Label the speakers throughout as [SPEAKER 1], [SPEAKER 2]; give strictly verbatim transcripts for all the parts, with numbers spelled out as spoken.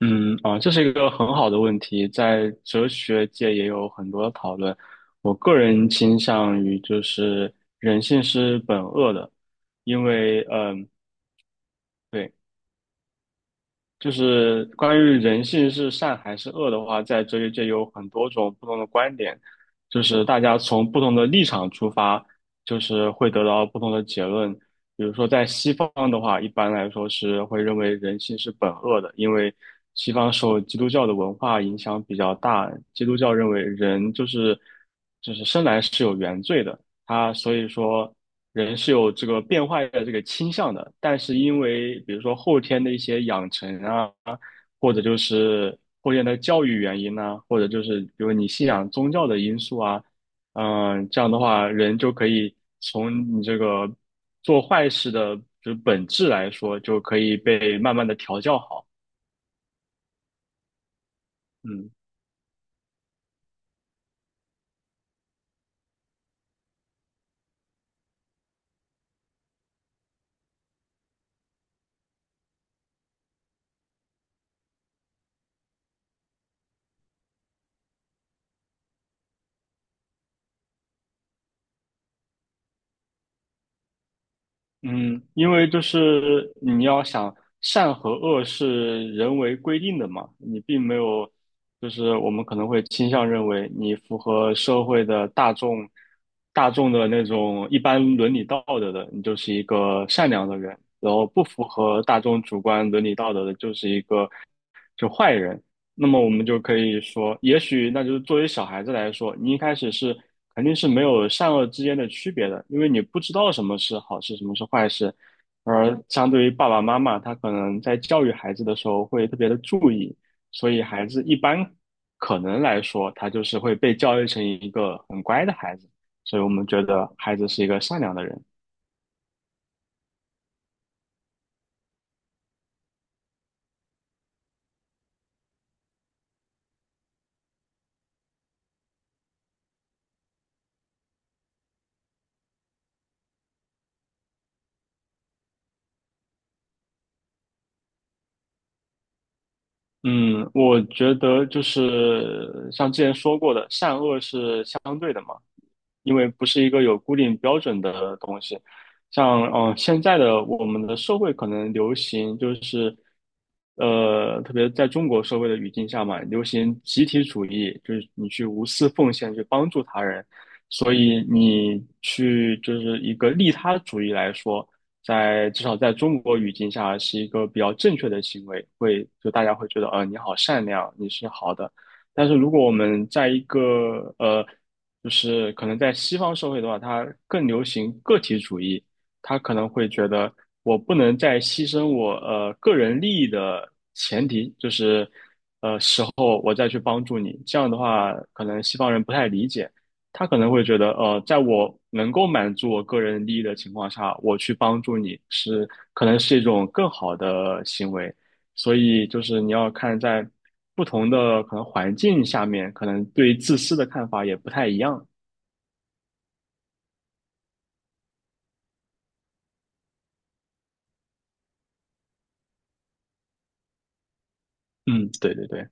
[SPEAKER 1] 嗯啊，这是一个很好的问题，在哲学界也有很多讨论。我个人倾向于就是人性是本恶的。因为嗯，对。就是关于人性是善还是恶的话，在哲学界有很多种不同的观点，就是大家从不同的立场出发，就是会得到不同的结论。比如说，在西方的话，一般来说是会认为人性是本恶的，因为西方受基督教的文化影响比较大，基督教认为人就是就是生来是有原罪的，他所以说。人是有这个变坏的这个倾向的，但是因为比如说后天的一些养成啊，或者就是后天的教育原因呢、或者就是比如你信仰宗教的因素啊，嗯、这样的话，人就可以从你这个做坏事的就是本质来说，就可以被慢慢的调教好。嗯，嗯，因为就是你要想善和恶是人为规定的嘛，你并没有，就是我们可能会倾向认为你符合社会的大众，大众的那种一般伦理道德的，你就是一个善良的人，然后不符合大众主观伦理道德的，就是一个就坏人。那么我们就可以说，也许那就是作为小孩子来说，你一开始是。肯定是没有善恶之间的区别的，因为你不知道什么是好事，什么是坏事。而相对于爸爸妈妈，他可能在教育孩子的时候会特别的注意，所以孩子一般可能来说，他就是会被教育成一个很乖的孩子。所以我们觉得孩子是一个善良的人。嗯，我觉得就是像之前说过的，善恶是相对的嘛。因为不是一个有固定标准的东西。像嗯、呃现在的我们的社会可能流行就是，呃，特别在中国社会的语境下嘛，流行集体主义，就是你去无私奉献，去帮助他人。所以你去就是一个利他主义来说，在至少在中国语境下是一个比较正确的行为，会就大家会觉得，呃，你好善良，你是好的。但是如果我们在一个呃就是可能在西方社会的话，它更流行个体主义，它可能会觉得我不能再牺牲我呃个人利益的前提，就是然后我再去帮助你。这样的话，可能西方人不太理解，他可能会觉得呃，在我能够满足我个人利益的情况下，我去帮助你是可能是一种更好的行为。所以就是你要看在不同的可能环境下面，可能对自私的看法也不太一样。嗯，对对对，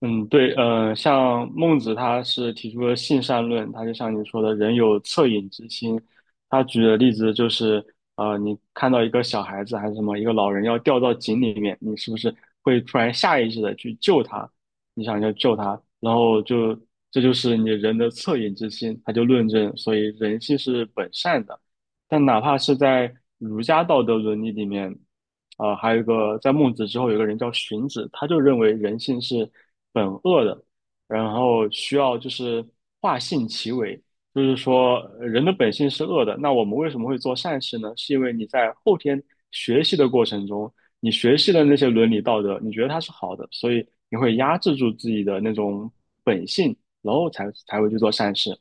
[SPEAKER 1] 嗯，对，呃，像孟子他是提出了性善论，他就像你说的，人有恻隐之心。他举的例子就是，呃，你看到一个小孩子还是什么，一个老人要掉到井里面，你是不是会突然下意识的去救他？你想要救他，然后就这就是你人的恻隐之心。他就论证，所以人性是本善的。但哪怕是在儒家道德伦理里面，啊、还有一个在孟子之后有个人叫荀子，他就认为人性是本恶的，然后需要就是化性其为，就是说呃人的本性是恶的。那我们为什么会做善事呢？是因为你在后天学习的过程中，你学习的那些伦理道德，你觉得它是好的，所以你会压制住自己的那种本性，然后才才会去做善事。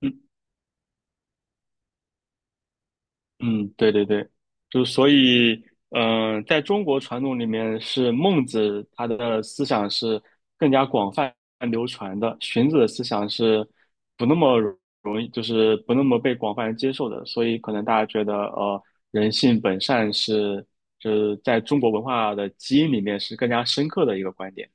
[SPEAKER 1] 嗯嗯，对对对，就所以，嗯、在中国传统里面，是孟子他的思想是更加广泛流传的，荀子的思想是不那么容易，就是不那么被广泛人接受的，所以可能大家觉得，呃，人性本善是，就是在中国文化的基因里面是更加深刻的一个观点。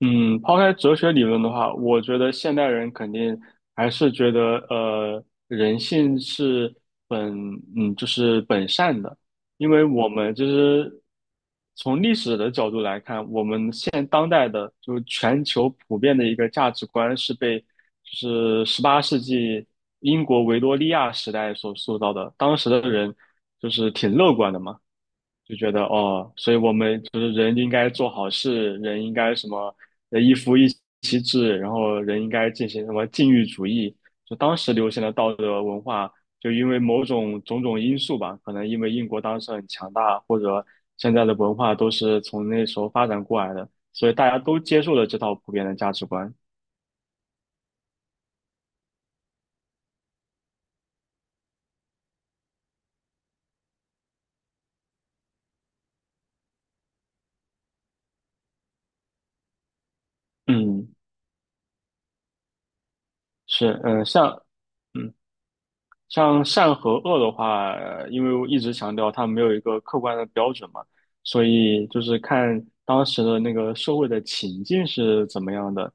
[SPEAKER 1] 嗯，抛开哲学理论的话，我觉得现代人肯定还是觉得，呃，人性是本，嗯，就是本善的。因为我们就是从历史的角度来看，我们现当代的就是全球普遍的一个价值观是被就是十八世纪英国维多利亚时代所塑造的，当时的人就是挺乐观的嘛。就觉得哦，所以我们就是人应该做好事，人应该什么呃一夫一妻制，然后人应该进行什么禁欲主义，就当时流行的道德文化，就因为某种种种因素吧，可能因为英国当时很强大，或者现在的文化都是从那时候发展过来的，所以大家都接受了这套普遍的价值观。嗯，是，嗯，像。嗯。像善和恶的话，呃因为我一直强调它没有一个客观的标准嘛，所以就是看当时的那个社会的情境是怎么样的，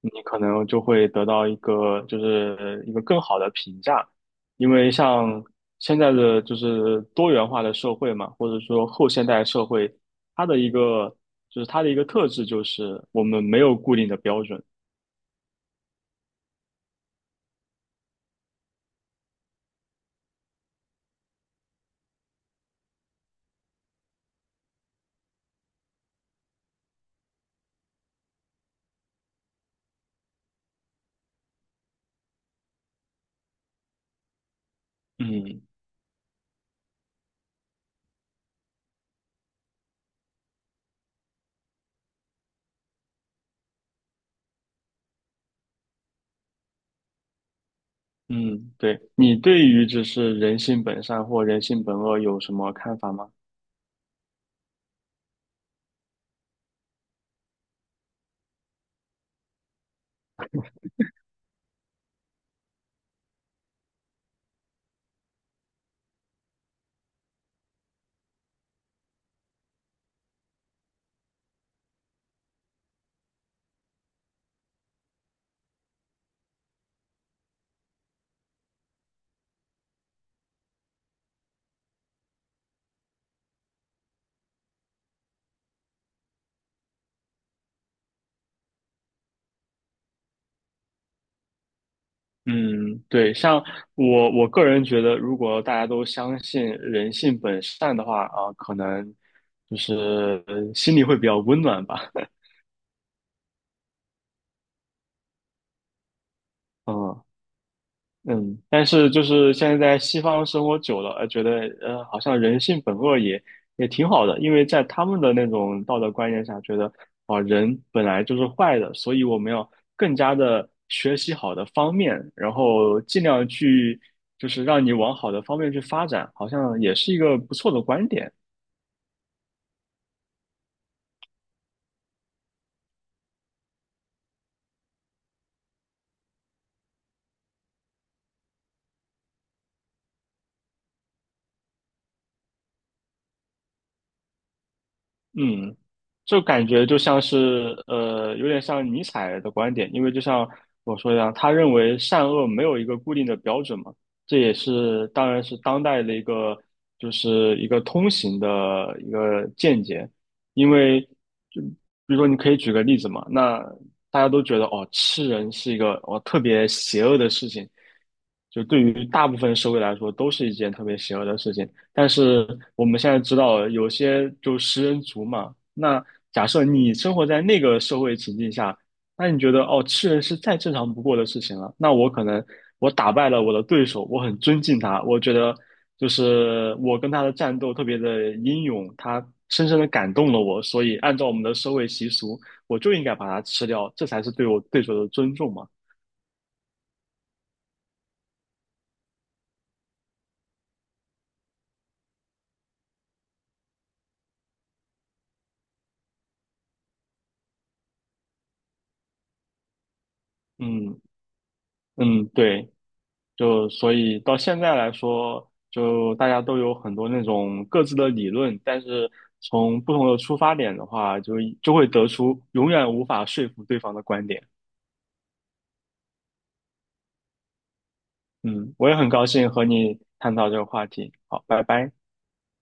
[SPEAKER 1] 你可能就会得到一个就是一个更好的评价。因为像现在的就是多元化的社会嘛，或者说后现代社会，它的一个就是它的一个特质就是我们没有固定的标准。嗯。嗯，对，你对于就是人性本善或人性本恶有什么看法吗？嗯，对，像我我个人觉得，如果大家都相信人性本善的话，啊，可能就是呃心里会比较温暖吧。嗯。嗯，但是就是现在在西方生活久了，呃，觉得呃，好像人性本恶也也挺好的，因为在他们的那种道德观念下，觉得啊，人本来就是坏的，所以我们要更加的学习好的方面，然后尽量去就是让你往好的方面去发展，好像也是一个不错的观点。嗯，就感觉就像是呃，有点像尼采的观点，因为就像我说一样，他认为善恶没有一个固定的标准嘛，这也是当然是当代的一个就是一个通行的一个见解，因为就比如说你可以举个例子嘛，那大家都觉得哦，吃人是一个哦特别邪恶的事情，就对于大部分社会来说都是一件特别邪恶的事情。但是我们现在知道有些就食人族嘛，那假设你生活在那个社会情境下，那你觉得哦，吃人是再正常不过的事情了。那我可能我打败了我的对手，我很尊敬他，我觉得就是我跟他的战斗特别的英勇，他深深的感动了我，所以按照我们的社会习俗，我就应该把他吃掉，这才是对我对手的尊重嘛。嗯嗯，对。就所以到现在来说，就大家都有很多那种各自的理论，但是从不同的出发点的话，就就会得出永远无法说服对方的观点。嗯，我也很高兴和你探讨这个话题。好，拜拜。